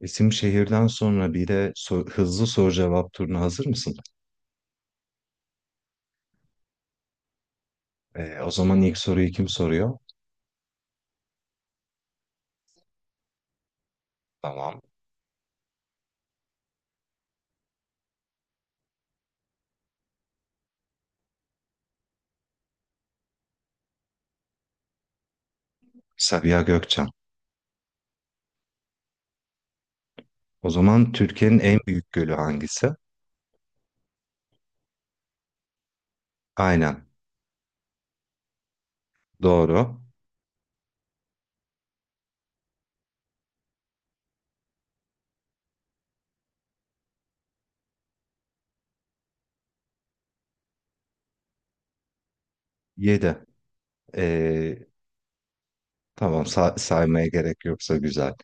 İsim şehirden sonra bir de hızlı soru cevap turuna hazır mısın? O zaman ilk soruyu kim soruyor? Tamam. Sabiha Gökçen. O zaman Türkiye'nin en büyük gölü hangisi? Aynen. Doğru. 7. Tamam, saymaya gerek yoksa güzel.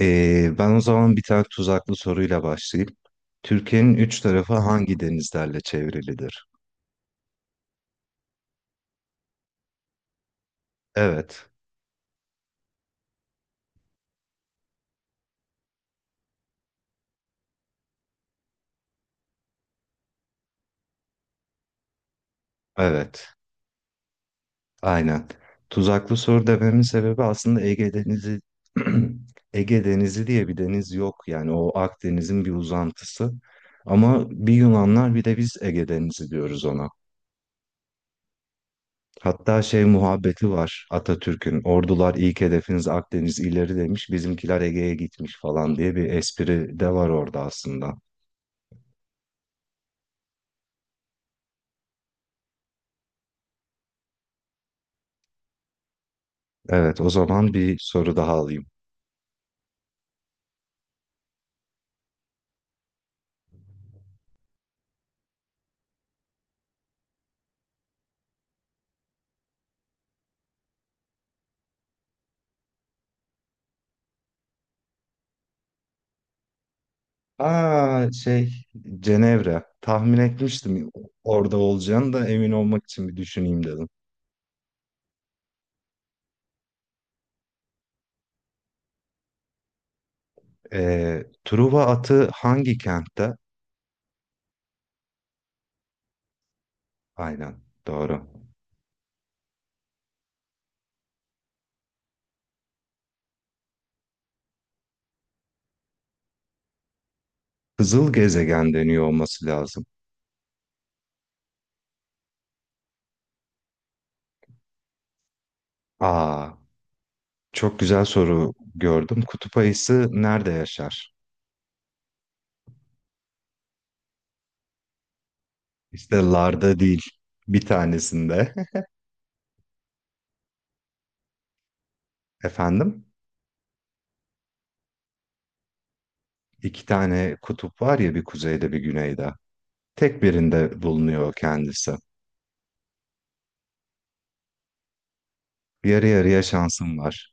Ben o zaman bir tane tuzaklı soruyla başlayayım. Türkiye'nin üç tarafı hangi denizlerle çevrilidir? Evet. Evet. Aynen. Tuzaklı soru dememin sebebi aslında Ege Denizi Ege Denizi diye bir deniz yok. Yani o Akdeniz'in bir uzantısı. Ama bir Yunanlar bir de biz Ege Denizi diyoruz ona. Hatta şey muhabbeti var Atatürk'ün. Ordular ilk hedefiniz Akdeniz ileri demiş. Bizimkiler Ege'ye gitmiş falan diye bir espri de var orada aslında. Evet, o zaman bir soru daha alayım. Aa şey, Cenevre. Tahmin etmiştim orada olacağını da emin olmak için bir düşüneyim dedim. Truva atı hangi kentte? Aynen doğru. Kızıl gezegen deniyor olması lazım. Aa, çok güzel soru gördüm. Kutup ayısı nerede yaşar? İşte larda değil, bir tanesinde. Efendim? İki tane kutup var ya, bir kuzeyde bir güneyde. Tek birinde bulunuyor kendisi. Yarı yarıya şansım var.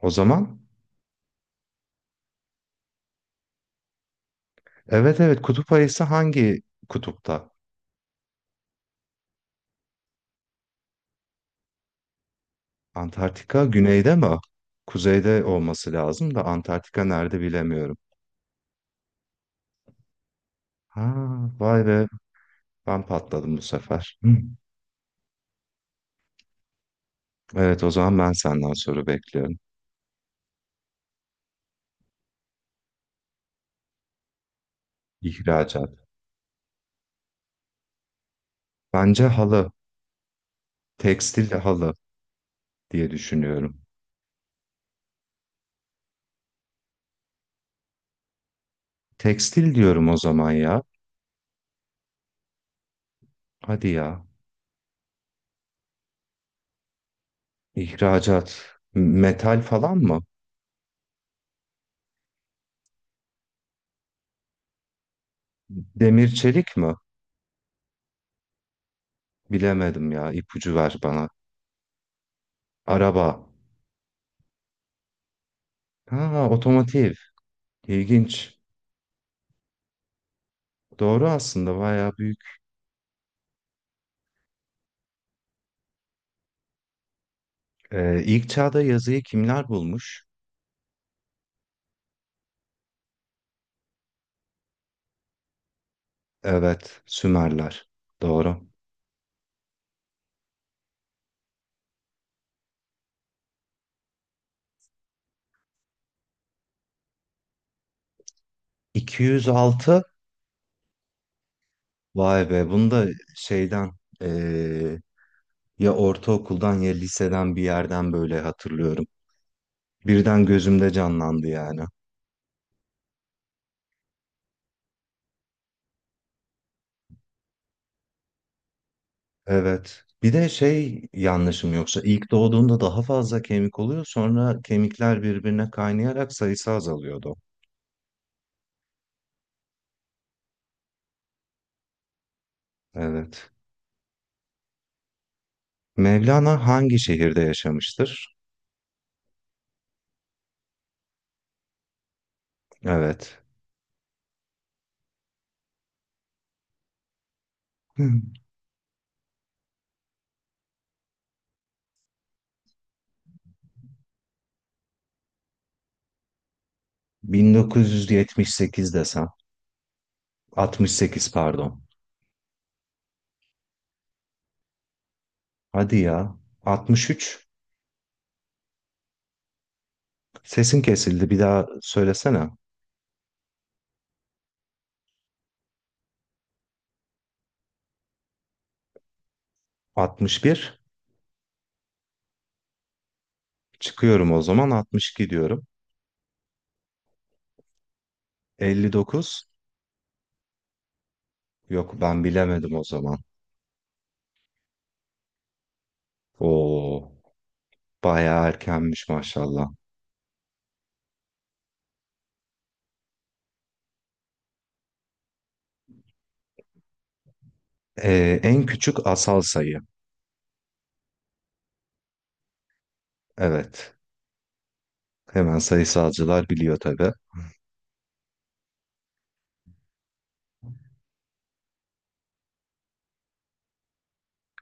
O zaman evet evet, kutup ayısı hangi kutupta? Antarktika güneyde mi? Kuzeyde olması lazım da Antarktika nerede bilemiyorum. Ha, vay be, ben patladım bu sefer. Hı. Evet, o zaman ben senden soru bekliyorum. İhracat. Bence halı, tekstil halı diye düşünüyorum. Tekstil diyorum o zaman ya. Hadi ya. İhracat. Metal falan mı? Demir çelik mi? Bilemedim ya. İpucu ver bana. Araba. Ha, otomotiv. İlginç. Doğru, aslında bayağı büyük. İlk çağda yazıyı kimler bulmuş? Evet, Sümerler. Doğru. 206. Vay be, bunu da şeyden ee, ya ortaokuldan ya liseden bir yerden böyle hatırlıyorum. Birden gözümde canlandı yani. Evet. Bir de şey, yanlışım yoksa ilk doğduğunda daha fazla kemik oluyor, sonra kemikler birbirine kaynayarak sayısı azalıyordu. Evet. Mevlana hangi şehirde yaşamıştır? Evet. Hı. 1978 desem. 68 pardon. Hadi ya. 63. Sesin kesildi. Bir daha söylesene. 61. Çıkıyorum o zaman. 62 diyorum. 59. Yok ben bilemedim o zaman. Oo, bayağı erkenmiş maşallah. En küçük asal sayı. Evet. Hemen sayısalcılar biliyor tabii.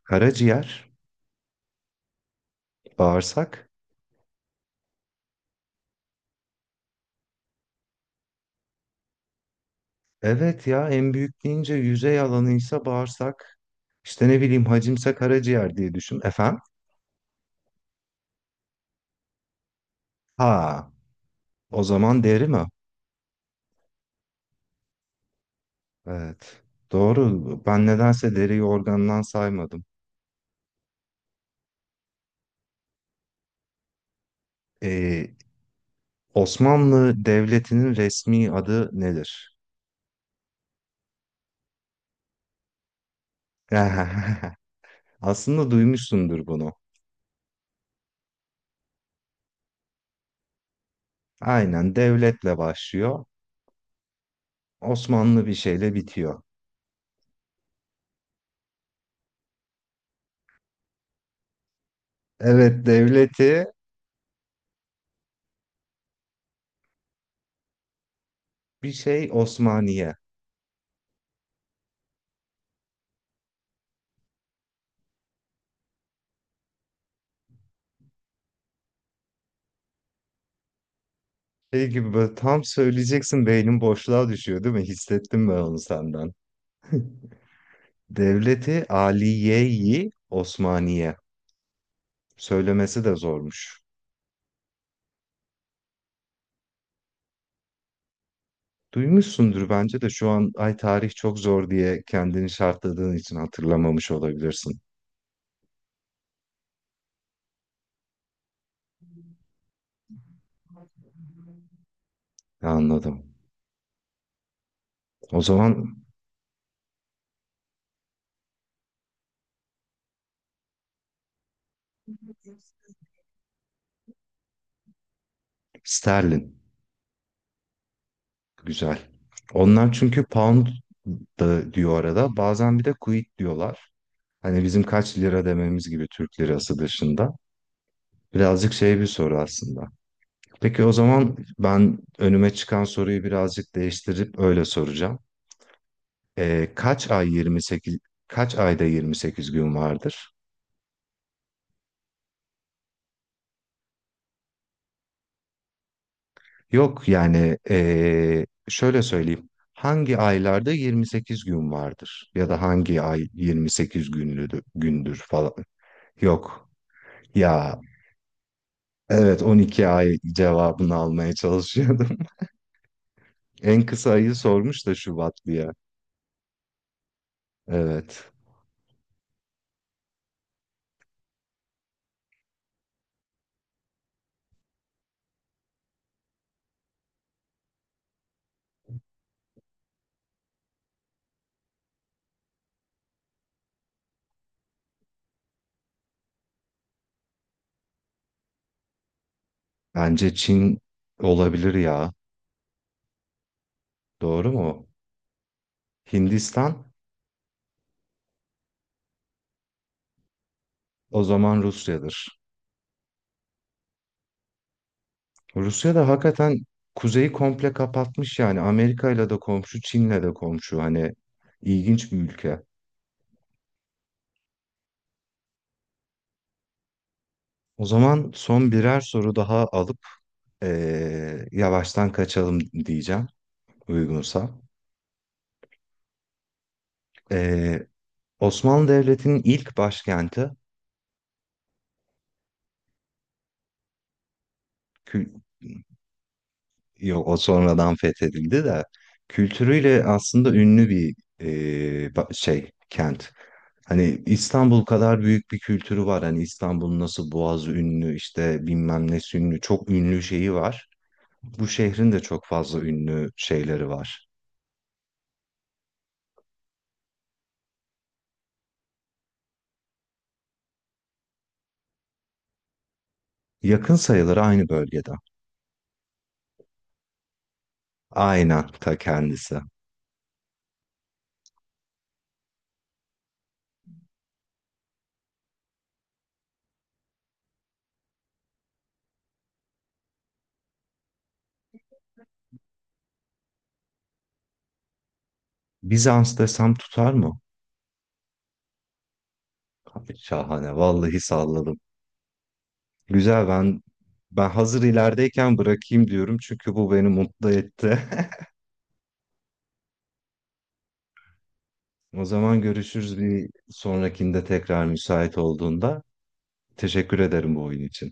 Karaciğer, bağırsak. Evet ya, en büyük deyince yüzey alanıysa bağırsak. İşte ne bileyim, hacimse karaciğer diye düşün. Efendim? Ha, o zaman deri mi? Evet. Doğru. Ben nedense deriyi organdan saymadım. Ee, Osmanlı Devleti'nin resmi adı nedir? Aslında duymuşsundur bunu. Aynen devletle başlıyor. Osmanlı bir şeyle bitiyor. Evet devleti, bir şey Osmaniye. Şey gibi böyle tam söyleyeceksin beynin boşluğa düşüyor değil mi? Hissettim ben onu senden. Devleti Aliye-i Osmaniye. Söylemesi de zormuş. Duymuşsundur bence de, şu an ay tarih çok zor diye kendini şartladığın için hatırlamamış olabilirsin. Anladım. O zaman sterlin. Güzel. Onlar çünkü pound da diyor arada. Bazen bir de quid diyorlar. Hani bizim kaç lira dememiz gibi Türk lirası dışında. Birazcık şey bir soru aslında. Peki o zaman ben önüme çıkan soruyu birazcık değiştirip öyle soracağım. Kaç ay 28 kaç ayda 28 gün vardır? Yok yani şöyle söyleyeyim. Hangi aylarda 28 gün vardır? Ya da hangi ay 28 günlüdür, gündür falan. Yok. Ya evet, 12 ay cevabını almaya çalışıyordum. En kısa ayı sormuş da Şubat diye. Evet. Bence Çin olabilir ya. Doğru mu? Hindistan, o zaman Rusya'dır. Rusya da hakikaten kuzeyi komple kapatmış, yani Amerika'yla da komşu, Çin'le de komşu, hani ilginç bir ülke. O zaman son birer soru daha alıp yavaştan kaçalım diyeceğim uygunsa. Eee, Osmanlı Devleti'nin ilk başkenti, kü- yok o sonradan fethedildi de, kültürüyle aslında ünlü bir şey kent. Hani İstanbul kadar büyük bir kültürü var. Hani İstanbul'un nasıl Boğazı ünlü, işte bilmem ne ünlü, çok ünlü şeyi var. Bu şehrin de çok fazla ünlü şeyleri var. Yakın sayılır, aynı bölgede. Aynen ta kendisi. Bizans desem tutar mı? Abi şahane. Vallahi salladım. Güzel, ben hazır ilerideyken bırakayım diyorum çünkü bu beni mutlu etti. O zaman görüşürüz bir sonrakinde tekrar müsait olduğunda. Teşekkür ederim bu oyun için.